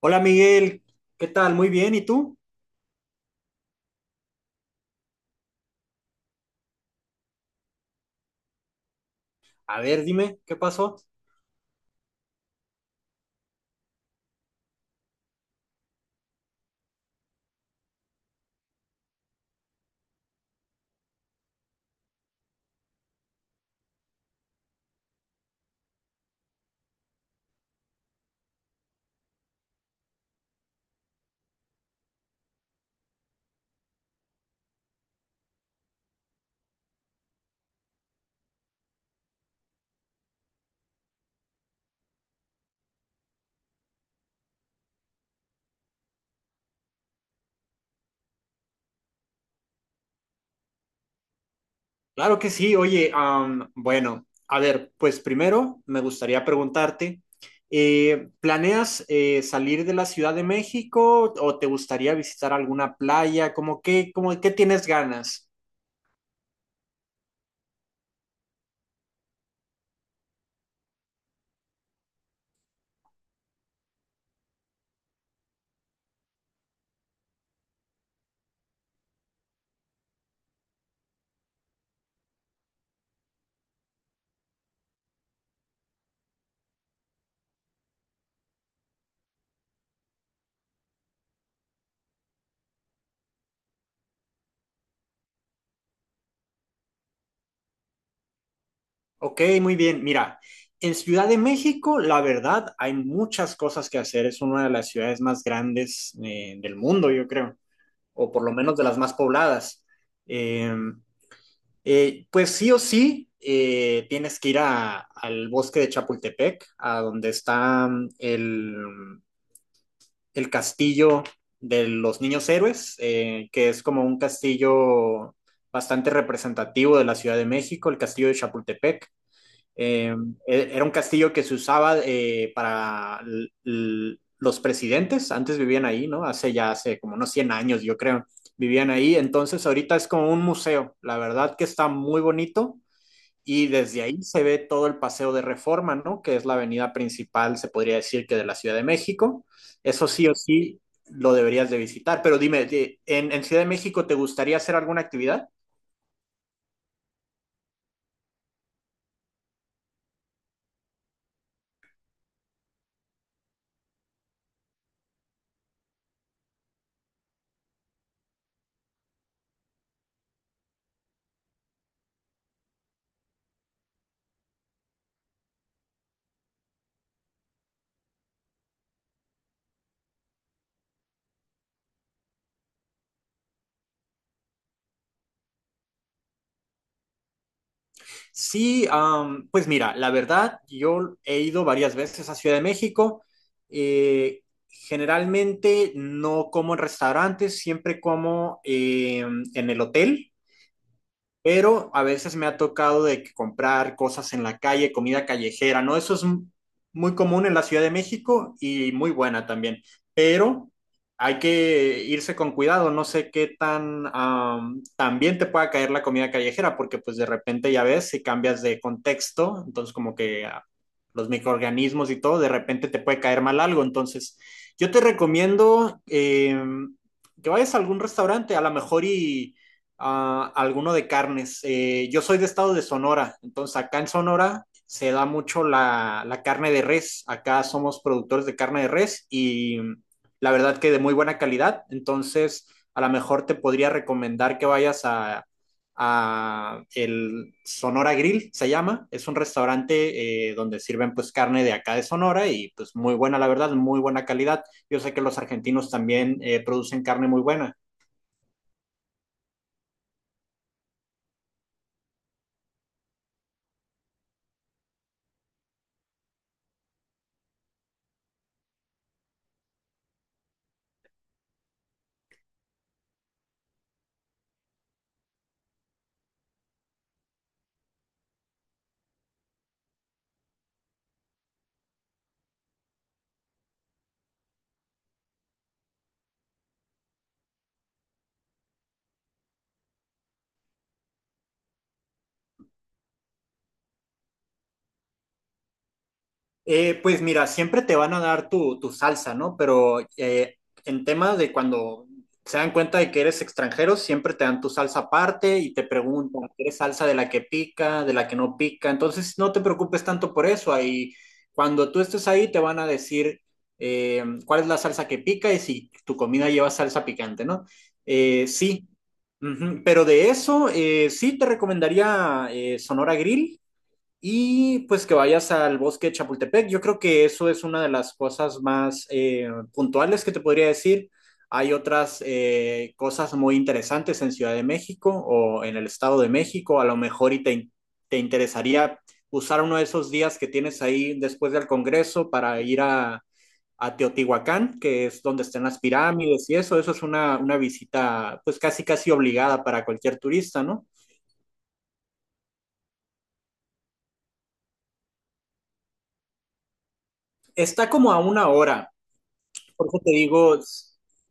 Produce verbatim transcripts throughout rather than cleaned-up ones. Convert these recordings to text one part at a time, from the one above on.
Hola Miguel, ¿qué tal? Muy bien, ¿y tú? A ver, dime, ¿qué pasó? Claro que sí, oye, am, bueno, a ver, pues primero me gustaría preguntarte, eh, ¿planeas eh, salir de la Ciudad de México o te gustaría visitar alguna playa? ¿Cómo qué, cómo qué tienes ganas? Ok, muy bien, mira, en Ciudad de México, la verdad, hay muchas cosas que hacer, es una de las ciudades más grandes eh, del mundo, yo creo, o por lo menos de las más pobladas. Em, Eh, pues sí o sí, eh, tienes que ir a- al bosque de Chapultepec, a donde está mm, el, el castillo de los niños héroes, eh, que es como un castillo bastante representativo de la Ciudad de México, el castillo de Chapultepec. Eh, e- Era un castillo que se usaba eh, para l- l- los presidentes, antes vivían ahí, ¿no? Hace ya, hace como unos cien años, yo creo, vivían ahí. Entonces ahorita es como un museo, la verdad que está muy bonito. Y desde ahí se ve todo el Paseo de Reforma, ¿no? Que es la avenida principal, se podría decir que de la Ciudad de México. Eso sí o sí lo deberías de visitar. Pero dime, de- ¿en, en Ciudad de México te gustaría hacer alguna actividad? Sí, am, pues mira, la verdad, yo he ido varias veces a Ciudad de México. Eh, Generalmente no como en restaurantes, siempre como eh, en el hotel. Pero a veces me ha tocado de que comprar cosas en la calle, comida callejera, ¿no? Eso es m- muy común en la Ciudad de México y muy buena también, pero hay que irse con cuidado, no sé qué tan am, también te pueda caer la comida callejera, porque pues de repente ya ves, si cambias de contexto, entonces como que ah, los microorganismos y todo, de repente te puede caer mal algo, entonces yo te recomiendo em, que vayas a algún restaurante, a lo mejor y ah, alguno de carnes. Eh, yo soy de estado de Sonora, entonces acá en Sonora se da mucho la, la carne de res. Acá somos productores de carne de res y la verdad que de muy buena calidad. Entonces, a lo mejor te podría recomendar que vayas a, a el Sonora Grill, se llama. Es un restaurante eh, donde sirven pues carne de acá de Sonora y pues muy buena, la verdad, muy buena calidad. Yo sé que los argentinos también eh, producen carne muy buena. Eh, pues mira, siempre te van a dar tu, tu salsa, ¿no? Pero eh, en tema de cuando se dan cuenta de que eres extranjero, siempre te dan tu salsa aparte y te preguntan, ¿quieres salsa de la que pica, de la que no pica? Entonces no te preocupes tanto por eso. Ahí, cuando tú estés ahí, te van a decir eh, cuál es la salsa que pica y si tu comida lleva salsa picante, ¿no? Eh, sí. Ujú. Pero de eso, eh, sí te recomendaría eh, Sonora Grill y pues que vayas al bosque de Chapultepec. Yo creo que eso es una de las cosas más eh, puntuales que te podría decir. Hay otras eh, cosas muy interesantes en Ciudad de México o en el Estado de México. A lo mejor y te, in- te interesaría usar uno de esos días que tienes ahí después del Congreso para ir a, a Teotihuacán, que es donde están las pirámides y eso. Eso es una, una visita pues casi casi obligada para cualquier turista, ¿no? Está como a una hora. Por eso te digo,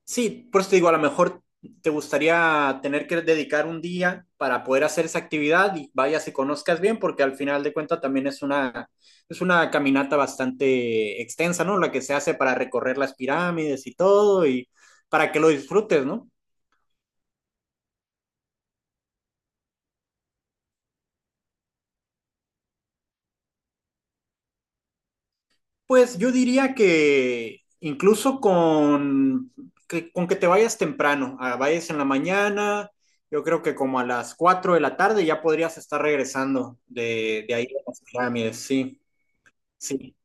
sí, por eso te digo, a lo mejor te gustaría tener que dedicar un día para poder hacer esa actividad y vayas y conozcas bien, porque al final de cuentas también es una, es una caminata bastante extensa, ¿no? La que se hace para recorrer las pirámides y todo, y para que lo disfrutes, ¿no? Pues yo diría que incluso con que, con que te vayas temprano, ah, vayas en la mañana, yo creo que como a las cuatro de la tarde ya podrías estar regresando de, de ahí a las pirámides, sí, sí.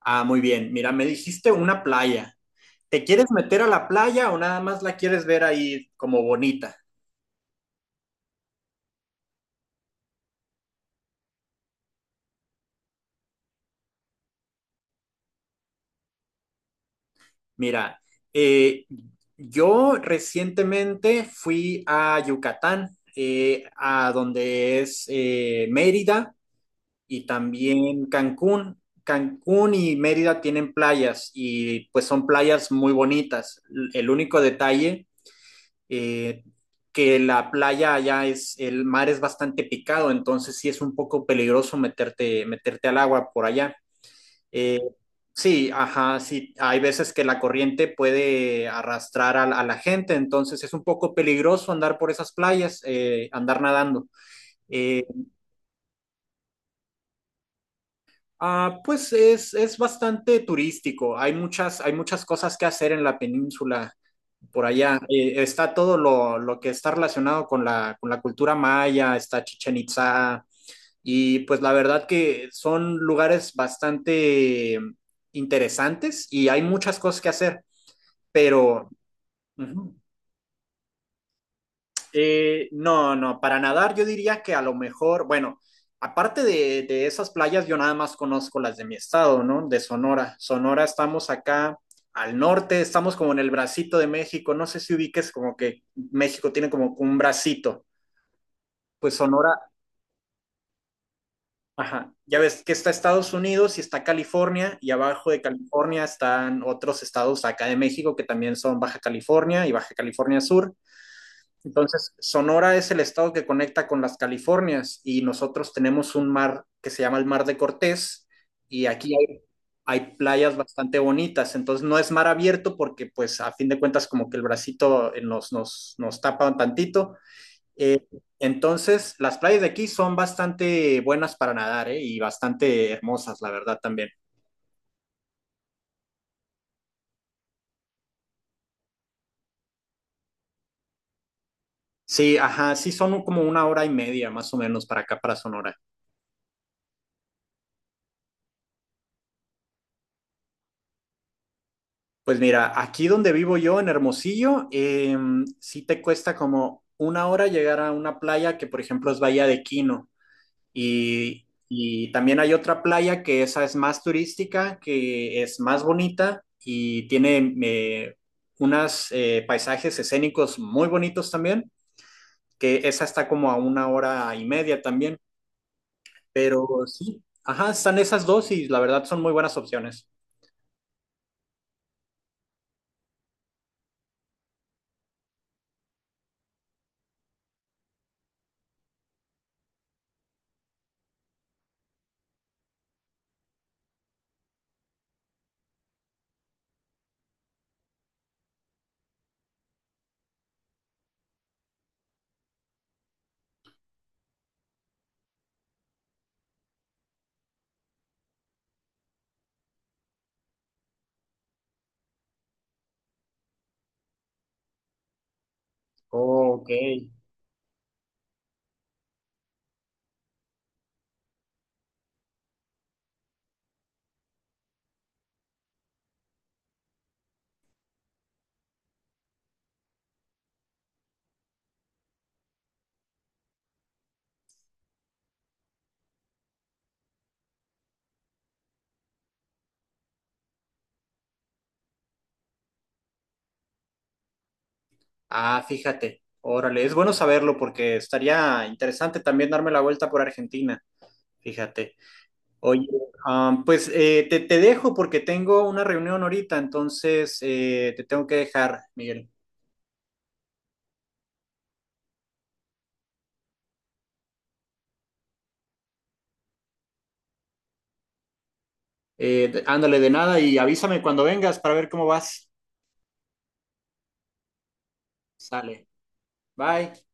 Ah, muy bien. Mira, me dijiste una playa. ¿Te quieres meter a la playa o nada más la quieres ver ahí como bonita? Mira, eh, yo recientemente fui a Yucatán, eh, a donde es eh, Mérida y también Cancún. Cancún y Mérida tienen playas y pues son playas muy bonitas. L- El único detalle eh, que la playa allá es, el mar es bastante picado, entonces sí es un poco peligroso meterte, meterte al agua por allá. Eh, sí, ajá, sí, hay veces que la corriente puede arrastrar a, la a la gente, entonces es un poco peligroso andar por esas playas, eh, andar nadando. Eh, Ah, pues es, es bastante turístico. Hay muchas, hay muchas cosas que hacer en la península por allá. Eh, está todo lo, lo que está relacionado con la, con la cultura maya, está Chichen Itza y pues la verdad que son lugares bastante interesantes y hay muchas cosas que hacer, pero ujú. Eh, no, no, para nadar yo diría que a lo mejor, bueno, aparte de, de esas playas, yo nada más conozco las de mi estado, ¿no? De Sonora. Sonora estamos acá al norte, estamos como en el bracito de México, no sé si ubiques como que México tiene como un bracito, pues Sonora, ajá, ya ves que está Estados Unidos y está California y abajo de California están otros estados acá de México que también son Baja California y Baja California Sur. Entonces, Sonora es el estado que conecta con las Californias y nosotros tenemos un mar que se llama el Mar de Cortés y aquí hay, hay playas bastante bonitas. Entonces, no es mar abierto porque, pues, a fin de cuentas, como que el bracito eh, nos, nos, nos tapa un tantito. Eh, entonces, las playas de aquí son bastante buenas para nadar, ¿eh? Y bastante hermosas, la verdad, también. Sí, ajá, sí, son como una hora y media más o menos para acá, para Sonora. Pues mira, aquí donde vivo yo, en Hermosillo, em, sí te cuesta como una hora llegar a una playa que, por ejemplo, es Bahía de Quino. Y, y también hay otra playa que esa es más turística, que es más bonita y tiene eh, unos paisajes escénicos muy bonitos también, que esa está como a una hora y media también. Pero sí, ajá, están esas dos y la verdad son muy buenas opciones. Ok. Ah, fíjate, órale, es bueno saberlo porque estaría interesante también darme la vuelta por Argentina, fíjate. Oye, am, pues eh, te, te dejo porque tengo una reunión ahorita, entonces eh, te tengo que dejar, Miguel. Eh, ándale de nada y avísame cuando vengas para ver cómo vas. Sale, bye.